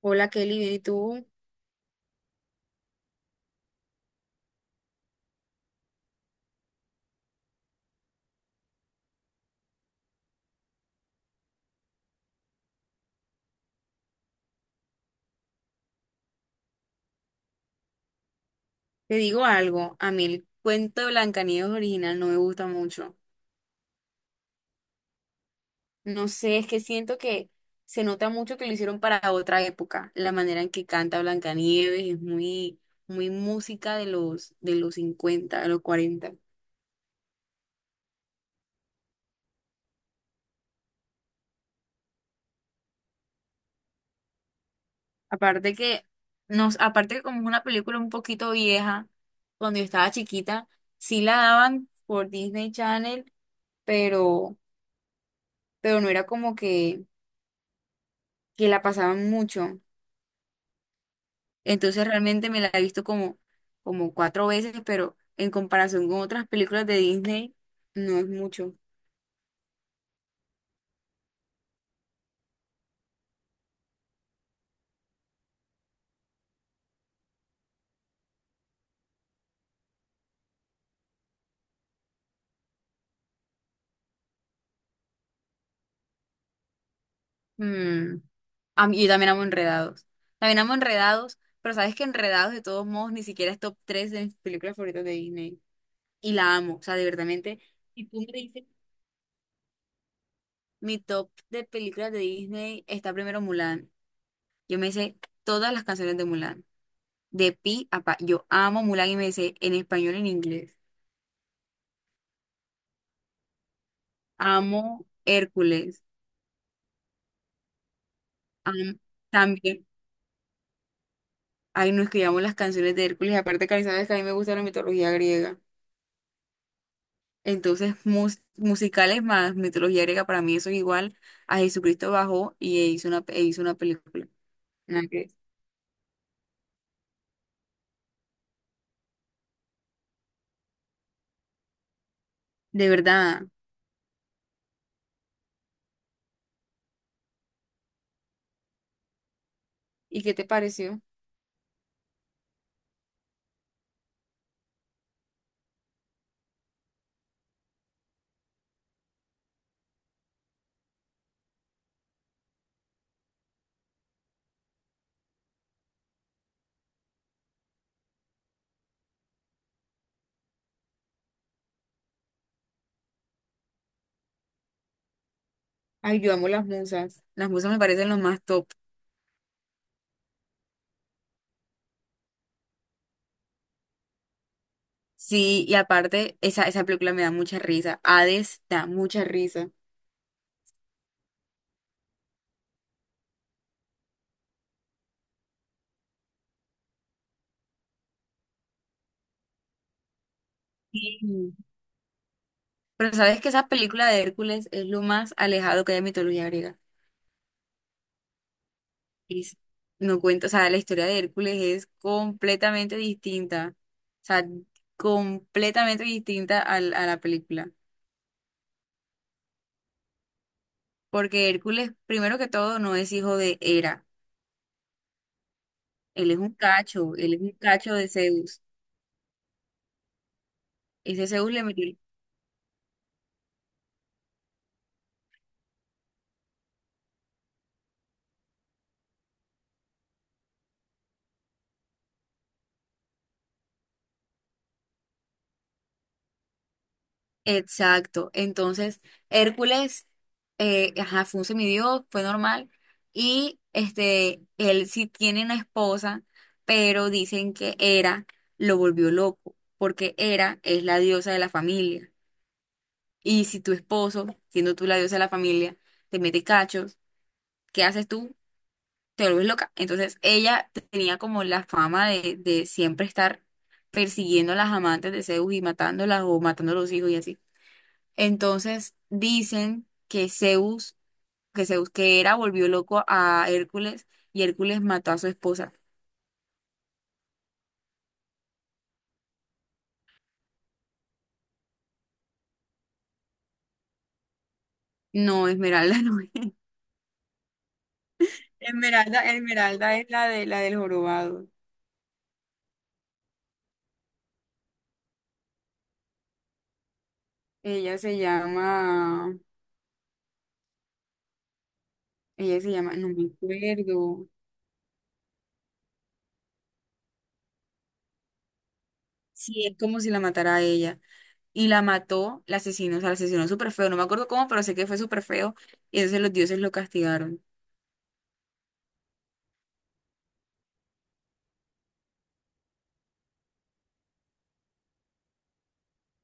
Hola Kelly, bien, ¿y tú? Te digo algo, a mí el cuento de Blancanieves original no me gusta mucho. No sé, es que siento que se nota mucho que lo hicieron para otra época. La manera en que canta Blancanieves es muy, muy música de los 50, de los cuarenta. Aparte que, aparte que como es una película un poquito vieja, cuando yo estaba chiquita, sí la daban por Disney Channel, pero, pero no era como que la pasaban mucho. Entonces realmente me la he visto como cuatro veces, pero en comparación con otras películas de Disney, no es mucho. Mm, yo también amo Enredados. También amo Enredados, pero sabes que Enredados de todos modos ni siquiera es top 3 de mis películas favoritas de Disney. Y la amo, o sea, de verdadmente. Si tú me dices, mi top de películas de Disney está primero Mulan. Yo me sé todas las canciones de Mulan, de pi a pa. Yo amo Mulan y me sé en español y en inglés. Amo Hércules. Am- también, ay, nos escribíamos las canciones de Hércules, aparte que sabes que a mí me gusta la mitología griega. Entonces, musicales más mitología griega, para mí eso es igual a Jesucristo bajó y e hizo una película. Nada que- De verdad. ¿Y qué te pareció? Ay, yo amo las musas. Las musas me parecen los más top. Sí, y aparte, esa película me da mucha risa. Hades da mucha risa. Sí. Pero sabes que esa película de Hércules es lo más alejado que hay de mitología griega. Es- no cuento, o sea, la historia de Hércules es completamente distinta, o sea, completamente distinta a la película, porque Hércules, primero que todo, no es hijo de Hera, él es un cacho de Zeus, ese Zeus le metió. Exacto. Entonces, Hércules, ajá, fue un semidios, fue normal. Y este, él sí tiene una esposa, pero dicen que Hera lo volvió loco, porque Hera es la diosa de la familia. Y si tu esposo, siendo tú la diosa de la familia, te mete cachos, ¿qué haces tú? Te vuelves loca. Entonces, ella tenía como la fama de siempre estar persiguiendo a las amantes de Zeus y matándolas o matando a los hijos y así. Entonces dicen que Zeus volvió loco a Hércules y Hércules mató a su esposa. No, Esmeralda no es. Esmeralda, Esmeralda es la de la del jorobado. Ella se llama, ella se llama, no me acuerdo. Sí, es como si la matara a ella. Y la mató, la asesinó, o sea, la asesinó súper feo. No me acuerdo cómo, pero sé que fue súper feo. Y entonces los dioses lo castigaron.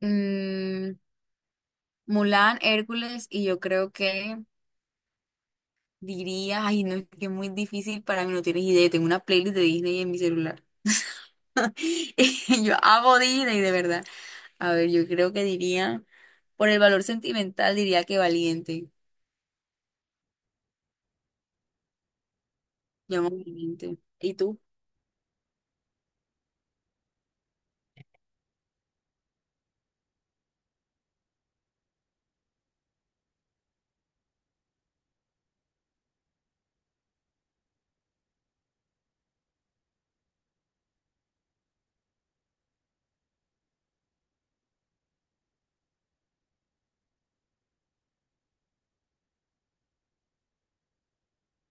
Mm, Mulan, Hércules y yo creo que diría, ay, no, es que es muy difícil para mí, no tienes idea. Tengo una playlist de Disney en mi celular. Yo amo Disney, de verdad. A ver, yo creo que diría, por el valor sentimental, diría que valiente. Llamo valiente. ¿Y tú?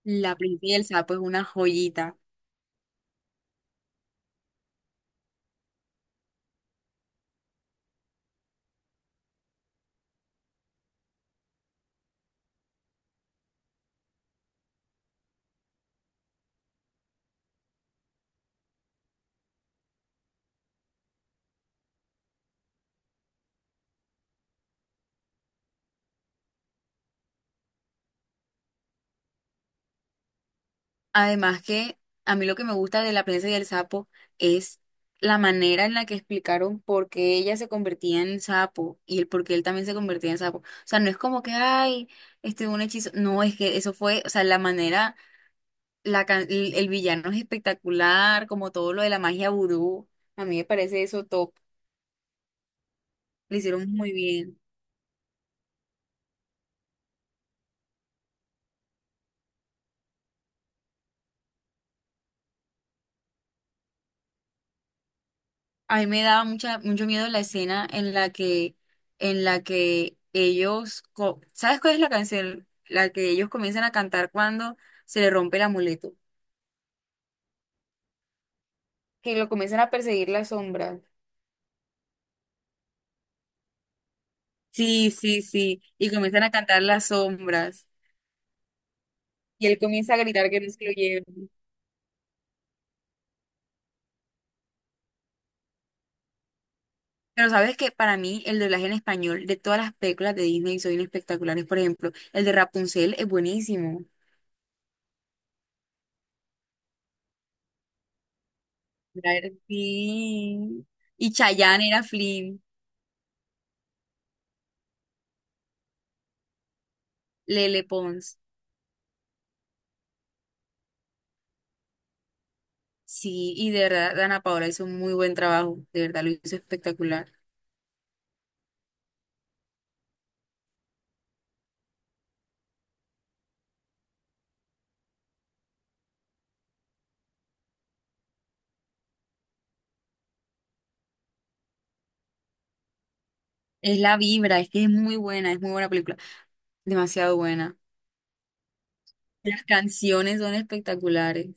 La princesa, pues una joyita. Además que a mí lo que me gusta de La princesa y el sapo es la manera en la que explicaron por qué ella se convertía en sapo y el por qué él también se convertía en sapo. O sea, no es como que, ay, este un hechizo. No, es que eso fue, o sea, la manera, el villano es espectacular, como todo lo de la magia vudú. A mí me parece eso top. Lo hicieron muy bien. A mí me daba mucha, mucho miedo la escena. En la que ellos, co- ¿Sabes cuál es la canción? La que ellos comienzan a cantar cuando se le rompe el amuleto, que lo comienzan a perseguir las sombras. Sí, sí, sí, y comienzan a cantar las sombras, y él comienza a gritar que no se lo lleven. Pero sabes que para mí el doblaje en español de todas las películas de Disney son espectaculares, por ejemplo, el de Rapunzel es buenísimo. Claro, sí. Y Chayanne era Flynn, Lele Pons. Sí, y de verdad, Ana Paola hizo un muy buen trabajo, de verdad lo hizo espectacular. Es la vibra, es que es muy buena película, demasiado buena. Las canciones son espectaculares.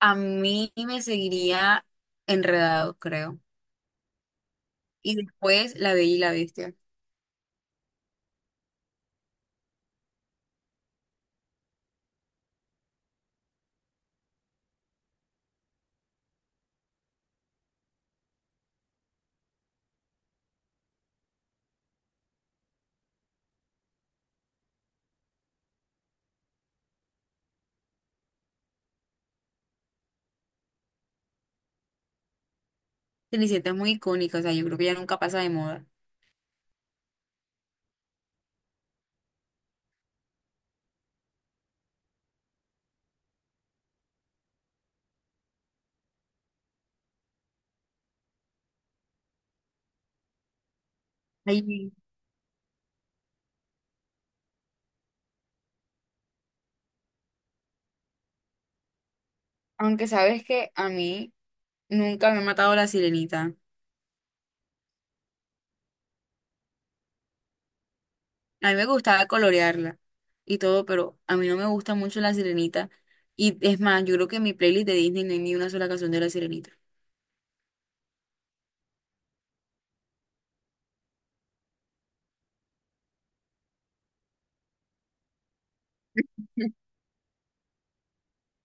A mí me seguiría Enredados, creo. Y después La Bella y la Bestia. Cenicienta es muy icónica, o sea, yo creo que ya nunca pasa de moda. Ay, aunque sabes que a mí nunca me ha matado la sirenita. A mí me gustaba colorearla y todo, pero a mí no me gusta mucho La Sirenita. Y es más, yo creo que en mi playlist de Disney no hay ni una sola canción de La Sirenita.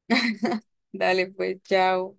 Dale, pues, chao.